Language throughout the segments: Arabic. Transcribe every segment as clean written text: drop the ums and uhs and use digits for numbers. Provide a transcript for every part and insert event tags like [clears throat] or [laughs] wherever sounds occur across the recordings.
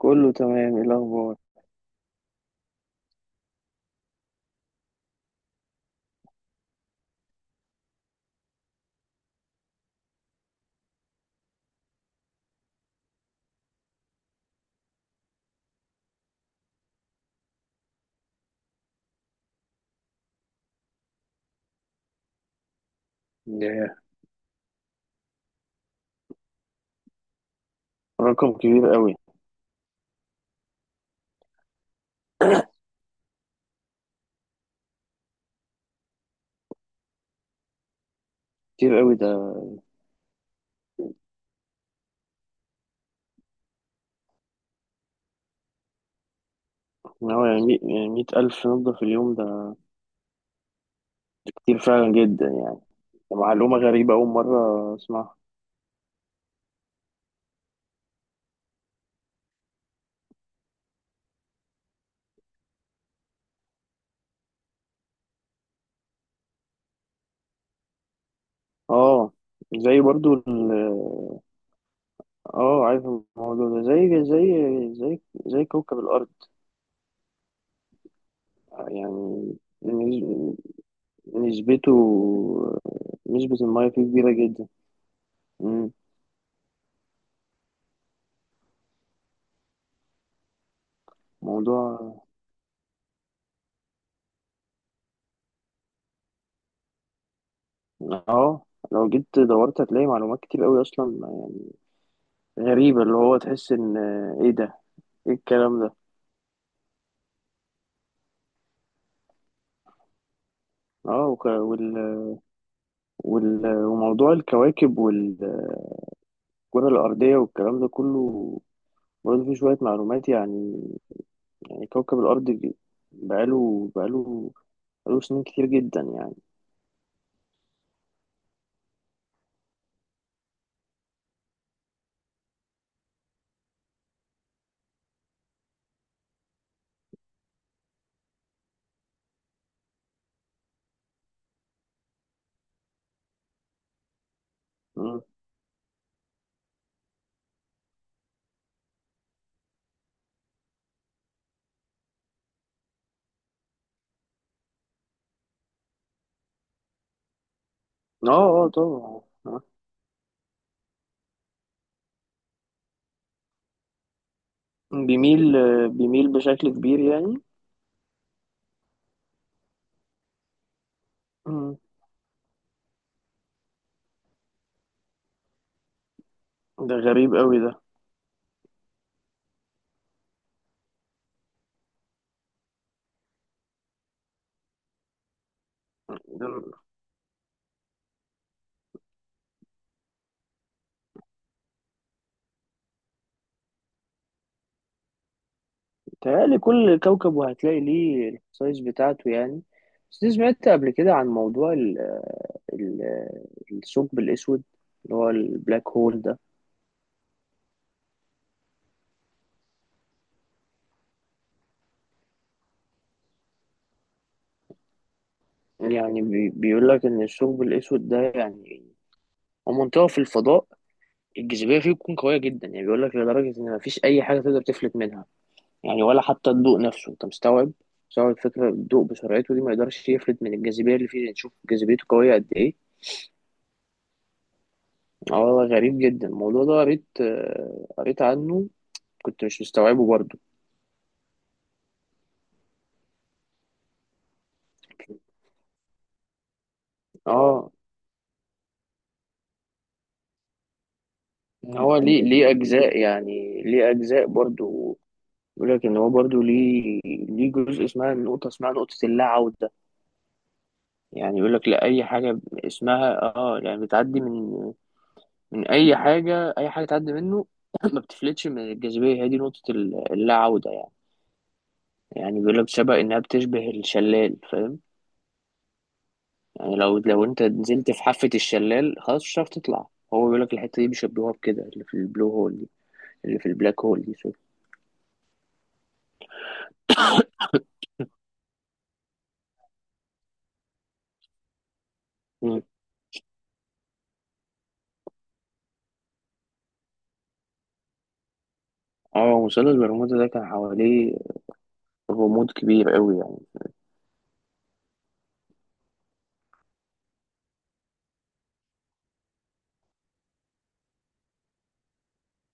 كله تمام، ايه الاخبار؟ ده رقم كبير قوي. كتير قوي ده. إن هو يعني 100,000 نبضة في اليوم، ده كتير فعلا جدا يعني. ده معلومة غريبة أول مرة أسمعها. اه، زي برضو ال اه عارف الموضوع ده زي كوكب الأرض. يعني نس- نسبته، نسبة المية فيه كبيرة جدا. مم. موضوع. اه، لو جيت دورت هتلاقي معلومات كتير قوي أصلا غريبة، اللي هو تحس إن إيه ده؟ إيه الكلام ده؟ آه، وموضوع الكواكب والكرة الأرضية والكلام ده كله، برضه فيه شوية معلومات يعني. يعني كوكب الأرض بقاله بقاله بقاله سنين كتير جدا يعني. مم. آه آه طبعا. آه. بيميل، بيميل بشكل كبير يعني. مم. ده غريب قوي ده. ده متهيألي كل كوكب وهتلاقي ليه السايز بتاعته يعني. بس دي سمعت قبل كده عن موضوع ال- الثقب الأسود، اللي هو البلاك هول ده. يعني بيقول لك إن الثقب الأسود ده يعني هو منطقة في الفضاء، الجاذبية فيه بتكون قوية جدا، يعني بيقول لك لدرجة إن مفيش أي حاجة تقدر تفلت منها، يعني ولا حتى الضوء نفسه، أنت مستوعب، مستوعب فكرة الضوء بسرعته دي ما يقدرش يفلت من الجاذبية اللي فيه، نشوف جاذبيته قوية قد إيه. اه والله غريب جدا الموضوع ده، قريت عنه، كنت مش مستوعبه برضه. اه، ان هو ليه اجزاء، يعني ليه اجزاء برضو. يقول لك ان هو برضو ليه جزء اسمها نقطه اللا عوده. يعني يقول لك لا، اي حاجه ب- اسمها اه يعني بتعدي من اي حاجه، اي حاجه تعدي منه [clears throat] [laughs] ما بتفلتش من الجاذبيه، هي دي نقطه اللا عوده يعني. يعني بيقول لك شبه انها بتشبه الشلال، فاهم؟ يعني لو انت نزلت في حافه الشلال خلاص مش هتعرف تطلع. هو بيقول لك الحته دي بيشبهوها بكده، اللي في البلو هول دي، اللي في البلاك هول دي، سوري. مم. اه، مثلث برمودا ده كان حواليه غموض كبير قوي يعني.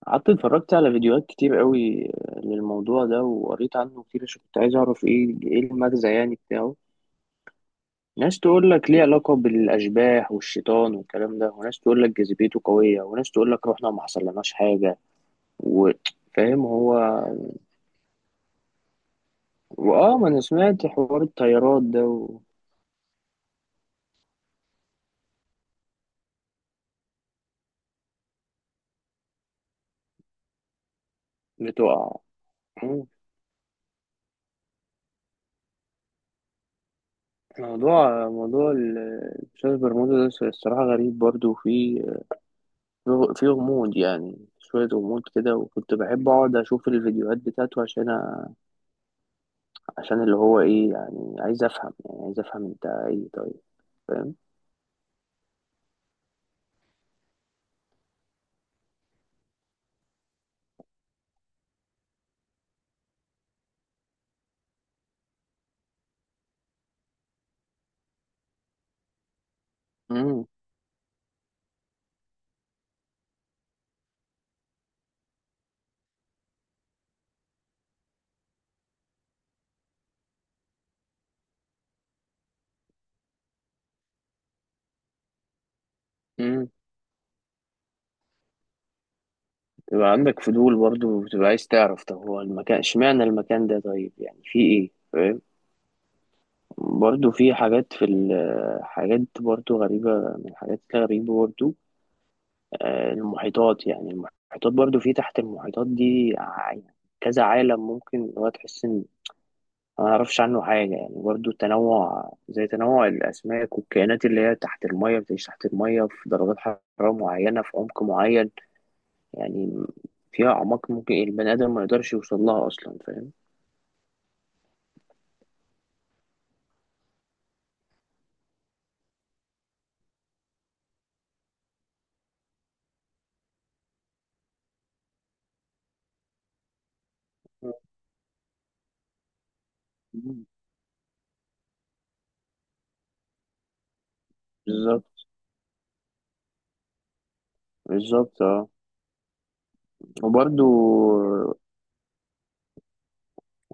قعدت اتفرجت على فيديوهات كتير قوي للموضوع ده، وقريت عنه كتير عشان كنت عايز اعرف ايه المغزى يعني بتاعه. ناس تقول لك ليه علاقة بالأشباح والشيطان والكلام ده، وناس تقول لك جاذبيته قوية، وناس تقول لك روحنا ما حصلناش حاجة و... فاهم هو. واه، ما انا سمعت حوار الطيارات ده و... بتقع. مم. موضوع الأستاذ برمودا ده الصراحة غريب برضه، وفيه في غموض، يعني شوية غموض كده، وكنت بحب أقعد أشوف الفيديوهات بتاعته عشان اللي هو إيه، يعني عايز أفهم، يعني عايز أفهم أنت إيه طيب، فاهم؟ مم. مم. بتبقى عندك فضول برضه، وبتبقى عايز تعرف طب هو المكان، اشمعنى المكان ده طيب، يعني في إيه، فاهم؟ برضه في حاجات، في حاجات برضه غريبة. من الحاجات الغريبة برضه، المحيطات، يعني المحيطات برضه، في تحت المحيطات دي يعني كذا عالم ممكن، اللي هو تحس إن ما اعرفش عنه حاجة يعني. برضو التنوع، زي تنوع الأسماك والكائنات اللي هي تحت المية، بتعيش تحت المية في درجات حرارة معينة في عمق معين، يعني فيها أعماق ممكن البني آدم ما يقدرش يوصل لها أصلا، فاهم. مم. بالظبط. بالظبط اه. وبرضو،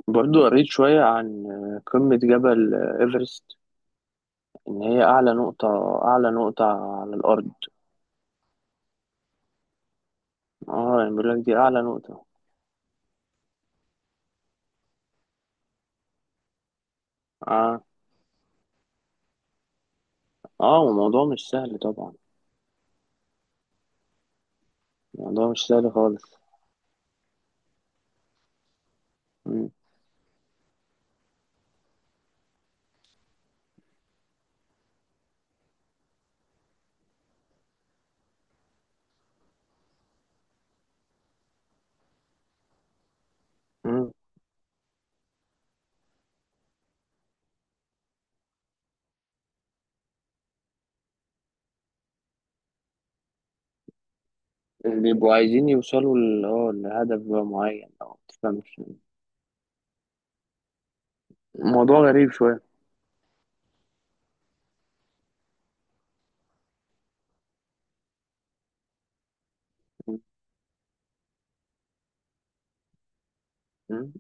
برضو قريت شوية عن قمة جبل إيفرست، إن هي أعلى نقطة، على الأرض. اه، يعني بيقول لك دي أعلى نقطة. اه. اه، وموضوع مش سهل طبعا، الموضوع مش سهل خالص. مم. بيبقوا عايزين يوصلوا لهدف بقى معين، أو متفهمش. الموضوع غريب شوية. مم. مم.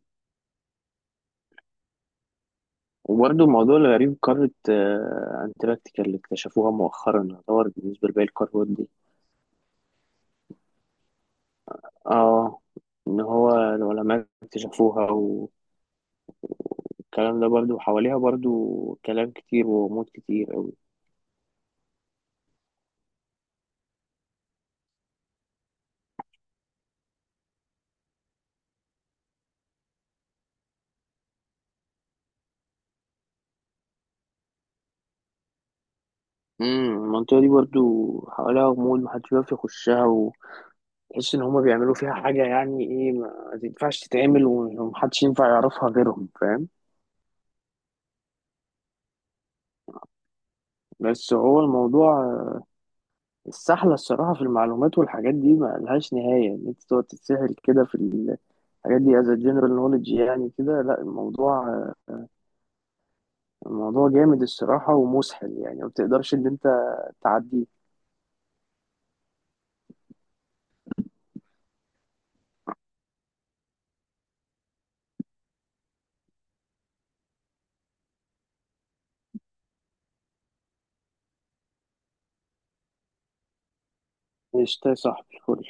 وبرضه الموضوع الغريب قارة، أنتاركتيكا، اللي اكتشفوها مؤخرا، يعتبر بالنسبة لباقي القارات دي. اه، إن هو العلماء اكتشفوها، والكلام ده برضه حواليها برضه كلام كتير وغموض كتير أوي. مم، المنطقة دي برضه حواليها غموض، محدش بيعرف يخشها، تحس ان هما بيعملوا فيها حاجه يعني ايه ما تنفعش تتعمل، ومحدش ينفع يعرفها غيرهم، فاهم. بس هو الموضوع السحله الصراحه، في المعلومات والحاجات دي ما لهاش نهايه، ان انت تقعد تتسحل كده في الحاجات دي as a general knowledge. يعني كده لا، الموضوع جامد الصراحه ومسحل، يعني ما بتقدرش ان انت تعديه. قشطة يا صاحبي فل.